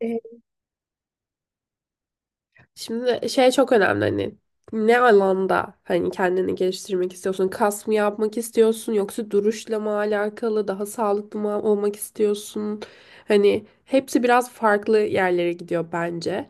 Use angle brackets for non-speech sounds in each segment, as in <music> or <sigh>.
Ee, Şimdi şey çok önemli hani ne alanda hani kendini geliştirmek istiyorsun? Kas mı yapmak istiyorsun yoksa duruşla mı alakalı daha sağlıklı mı olmak istiyorsun? Hani hepsi biraz farklı yerlere gidiyor bence.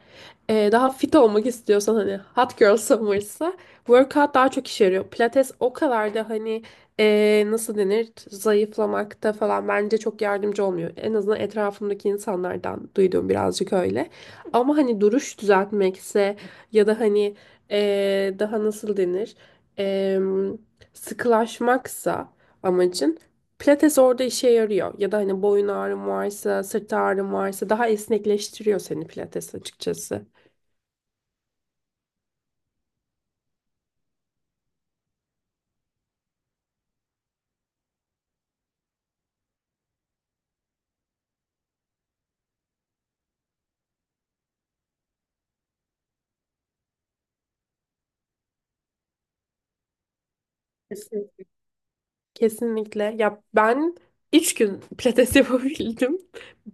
Daha fit olmak istiyorsan hani hot girl summer'sa workout daha çok işe yarıyor. Pilates o kadar da hani nasıl denir zayıflamakta falan bence çok yardımcı olmuyor. En azından etrafımdaki insanlardan duyduğum birazcık öyle. Ama hani duruş düzeltmekse ya da hani daha nasıl denir? Eee, Sıkılaşmaksa amacın pilates orada işe yarıyor. Ya da hani boyun ağrın varsa, sırt ağrın varsa daha esnekleştiriyor seni pilates açıkçası. Kesin- Kesinlikle. Ya ben 3 gün pilates <laughs> yapabildim.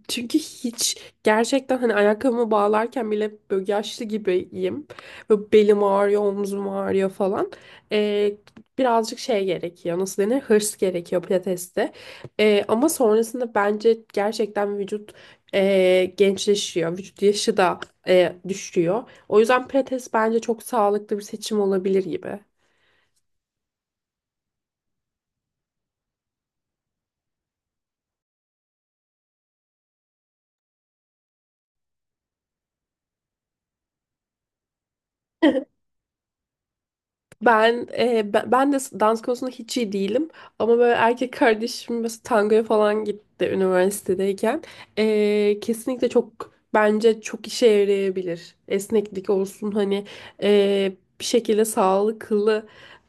Çünkü hiç gerçekten hani ayakkabımı bağlarken bile böyle yaşlı gibiyim. Böyle belim ağrıyor, omzum ağrıyor falan. Ee, Birazcık şey gerekiyor. Nasıl denir? Hırs gerekiyor pilateste. Ama sonrasında bence gerçekten vücut gençleşiyor. Vücut yaşı da düşüyor. O yüzden pilates bence çok sağlıklı bir seçim olabilir gibi. <laughs> Ben e, ben ben de dans konusunda hiç iyi değilim ama böyle erkek kardeşim mesela tangoya falan gitti üniversitedeyken. Kesinlikle bence çok işe yarayabilir esneklik olsun hani e, bir şekilde sağlıklı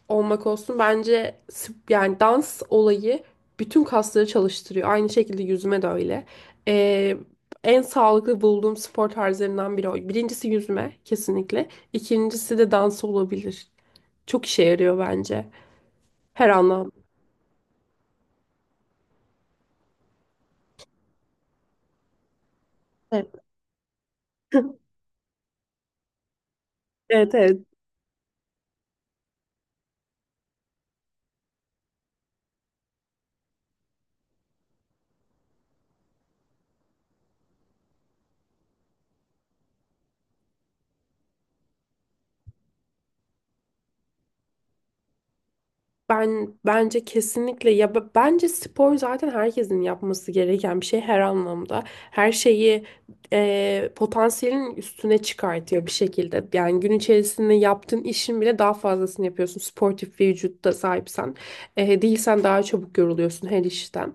olmak olsun bence yani dans olayı bütün kasları çalıştırıyor, aynı şekilde yüzme de öyle. E, En sağlıklı bulduğum spor tarzlarından biri, o birincisi yüzme kesinlikle, ikincisi de dans olabilir. Çok işe yarıyor bence. Her anlamda. Evet. Evet, evet. Ben bence kesinlikle ya bence spor zaten herkesin yapması gereken bir şey her anlamda. Her şeyi potansiyelin üstüne çıkartıyor bir şekilde. Yani gün içerisinde yaptığın işin bile daha fazlasını yapıyorsun. Sportif bir vücutta sahipsen. Değilsen daha çabuk yoruluyorsun her işten.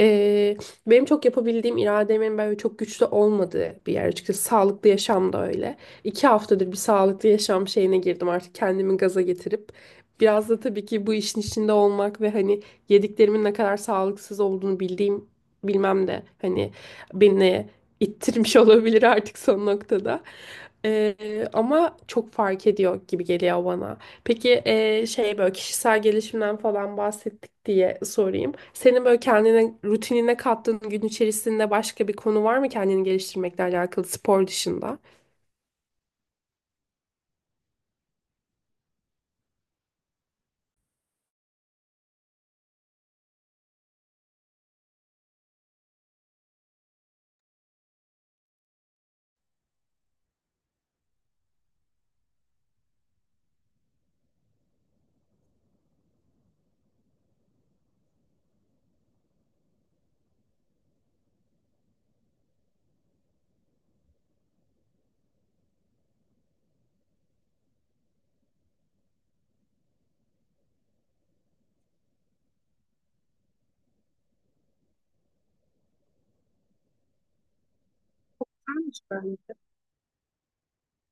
E, Benim çok yapabildiğim irademin böyle çok güçlü olmadığı bir yer açıkçası. Sağlıklı yaşam da öyle. 2 haftadır bir sağlıklı yaşam şeyine girdim artık kendimi gaza getirip. Biraz da tabii ki bu işin içinde olmak ve hani yediklerimin ne kadar sağlıksız olduğunu bildiğim bilmem de hani beni ittirmiş <laughs> olabilir artık son noktada. Ama çok fark ediyor gibi geliyor bana. Peki şey böyle kişisel gelişimden falan bahsettik diye sorayım. Senin böyle kendine rutinine kattığın gün içerisinde başka bir konu var mı kendini geliştirmekle alakalı spor dışında?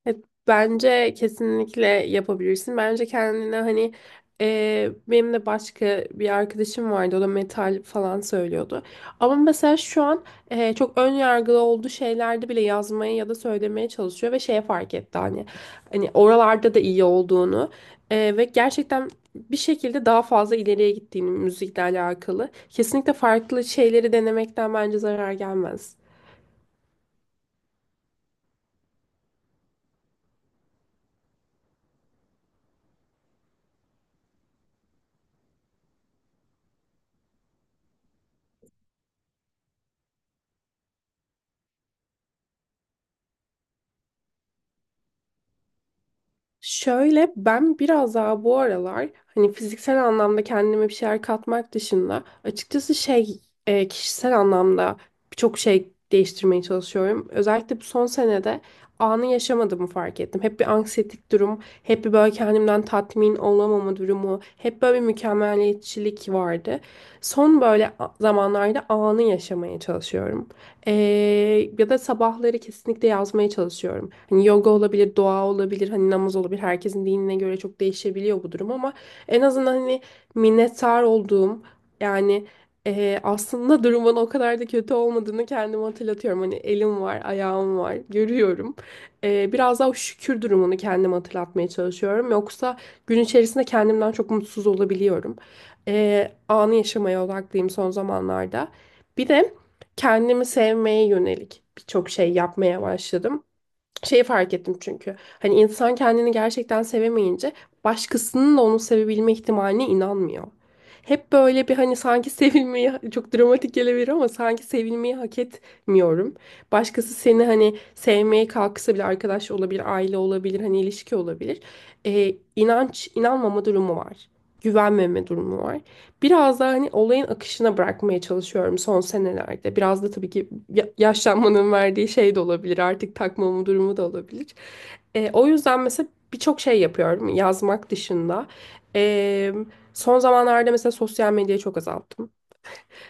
Evet, bence kesinlikle yapabilirsin. Bence kendine hani benim de başka bir arkadaşım vardı. O da metal falan söylüyordu. Ama mesela şu an çok ön yargılı olduğu şeylerde bile yazmaya ya da söylemeye çalışıyor ve şeye fark etti hani oralarda da iyi olduğunu ve gerçekten bir şekilde daha fazla ileriye gittiğini müzikle alakalı. Kesinlikle farklı şeyleri denemekten bence zarar gelmez. Şöyle ben biraz daha bu aralar hani fiziksel anlamda kendime bir şeyler katmak dışında açıkçası şey kişisel anlamda birçok şey değiştirmeye çalışıyorum. Özellikle bu son senede anı yaşamadığımı fark ettim. Hep bir anksiyetik durum, hep bir böyle kendimden tatmin olamama durumu, hep böyle bir mükemmeliyetçilik vardı. Son böyle zamanlarda anı yaşamaya çalışıyorum. Ee, Ya da sabahları kesinlikle yazmaya çalışıyorum. Hani yoga olabilir, doğa olabilir, hani namaz olabilir. Herkesin dinine göre çok değişebiliyor bu durum ama en azından hani minnettar olduğum yani aslında <laughs> durumun o kadar da kötü olmadığını kendime hatırlatıyorum. Hani elim var, ayağım var, görüyorum. Biraz daha o şükür durumunu kendime hatırlatmaya çalışıyorum. Yoksa gün içerisinde kendimden çok mutsuz olabiliyorum. Anı yaşamaya odaklıyım son zamanlarda. Bir de kendimi sevmeye yönelik birçok şey yapmaya başladım. Şeyi fark ettim çünkü. Hani insan kendini gerçekten sevemeyince başkasının da onu sevebilme ihtimaline inanmıyor. Hep böyle bir hani sanki <laughs> sevilmeyi çok dramatik gelebilir ama sanki sevilmeyi hak etmiyorum. Başkası seni hani sevmeye kalksa bile arkadaş olabilir, aile olabilir, hani ilişki olabilir. İnanç, inanmama durumu var. Güvenmeme durumu var. Biraz da hani olayın akışına bırakmaya çalışıyorum son senelerde. Biraz da tabii ki yaşlanmanın verdiği şey de olabilir. Artık takmamı durumu da olabilir. O yüzden mesela birçok şey yapıyorum yazmak dışında. E, Son zamanlarda mesela sosyal medyayı çok azalttım.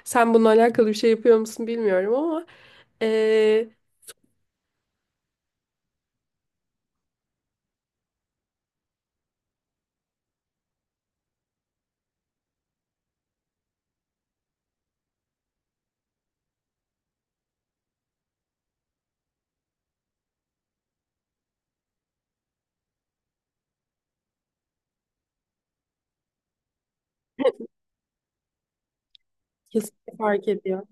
Sen bununla alakalı bir şey yapıyor musun bilmiyorum ama e, kesinlikle fark ediyor.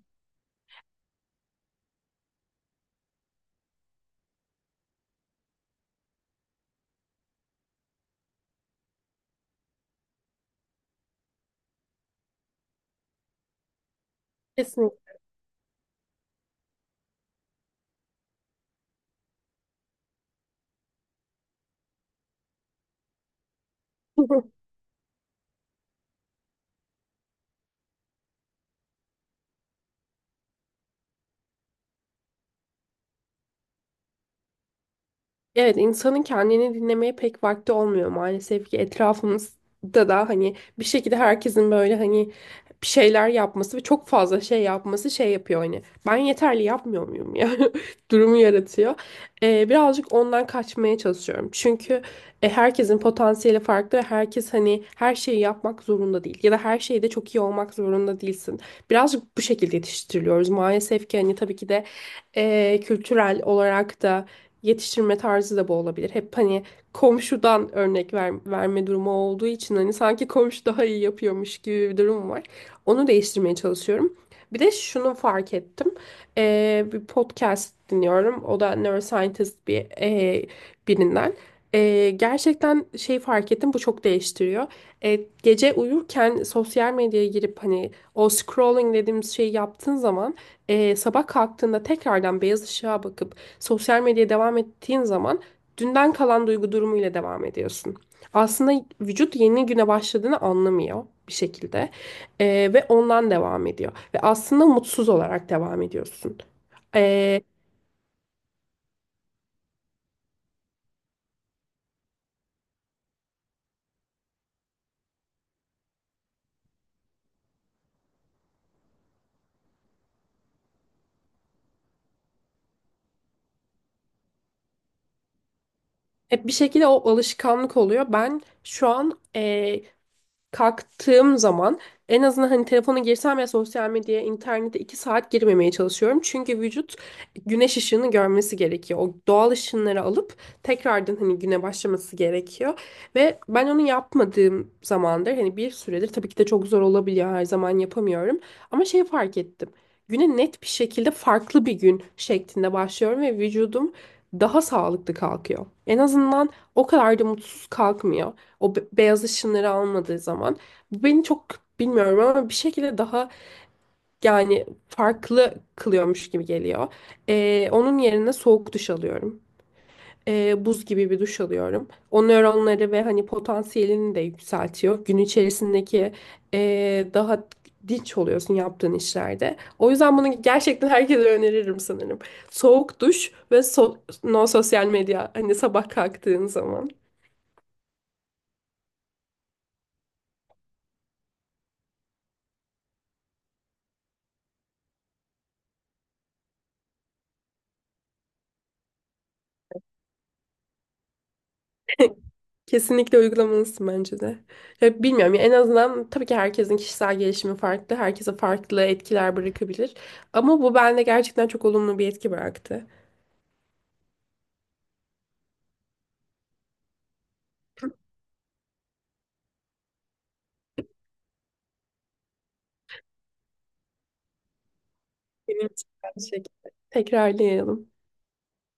Kesinlikle. <laughs> Evet, insanın kendini dinlemeye pek vakti olmuyor maalesef ki, etrafımızda da hani bir şekilde herkesin böyle hani bir şeyler yapması ve çok fazla şey yapması şey yapıyor hani ben yeterli yapmıyor muyum ya <laughs> durumu yaratıyor. Birazcık ondan kaçmaya çalışıyorum çünkü herkesin potansiyeli farklı ve herkes hani her şeyi yapmak zorunda değil ya da her şeyde çok iyi olmak zorunda değilsin. Birazcık bu şekilde yetiştiriliyoruz maalesef ki hani tabii ki de kültürel olarak da yetiştirme tarzı da bu olabilir. Hep hani komşudan örnek verme durumu olduğu için hani sanki komşu daha iyi yapıyormuş gibi bir durum var. Onu değiştirmeye çalışıyorum. Bir de şunu fark ettim. Bir podcast dinliyorum. O da neuroscientist bir birinden. Gerçekten şey fark ettim, bu çok değiştiriyor. Ee, Gece uyurken sosyal medyaya girip hani o scrolling dediğimiz şeyi yaptığın zaman, sabah kalktığında tekrardan beyaz ışığa bakıp sosyal medyaya devam ettiğin zaman dünden kalan duygu durumuyla devam ediyorsun. Aslında vücut yeni güne başladığını anlamıyor bir şekilde. Ve ondan devam ediyor ve aslında mutsuz olarak devam ediyorsun. Ee, Hep bir şekilde o alışkanlık oluyor. Ben şu an kalktığım zaman en azından hani telefona girsem ya sosyal medyaya, internete 2 saat girmemeye çalışıyorum. Çünkü vücut güneş ışığını görmesi gerekiyor. O doğal ışınları alıp tekrardan hani güne başlaması gerekiyor. Ve ben onu yapmadığım zamandır hani bir süredir, tabii ki de çok zor olabiliyor, her zaman yapamıyorum. Ama şey fark ettim. Güne net bir şekilde farklı bir gün şeklinde başlıyorum ve vücudum daha sağlıklı kalkıyor. En azından o kadar da mutsuz kalkmıyor. O beyaz ışınları almadığı zaman. Bu beni çok bilmiyorum ama bir şekilde daha yani farklı kılıyormuş gibi geliyor. Onun yerine soğuk duş alıyorum. Buz gibi bir duş alıyorum. O nöronları ve hani potansiyelini de yükseltiyor. Gün içerisindeki daha dinç oluyorsun yaptığın işlerde. O yüzden bunu gerçekten herkese öneririm sanırım. Soğuk duş ve no sosyal medya hani sabah kalktığın zaman. Kesinlikle uygulamalısın bence de. Ya bilmiyorum ya en azından tabii ki herkesin kişisel gelişimi farklı. Herkese farklı etkiler bırakabilir. Ama bu bende gerçekten çok olumlu bir etki bıraktı. Benim için aynı şekilde. Tekrarlayalım.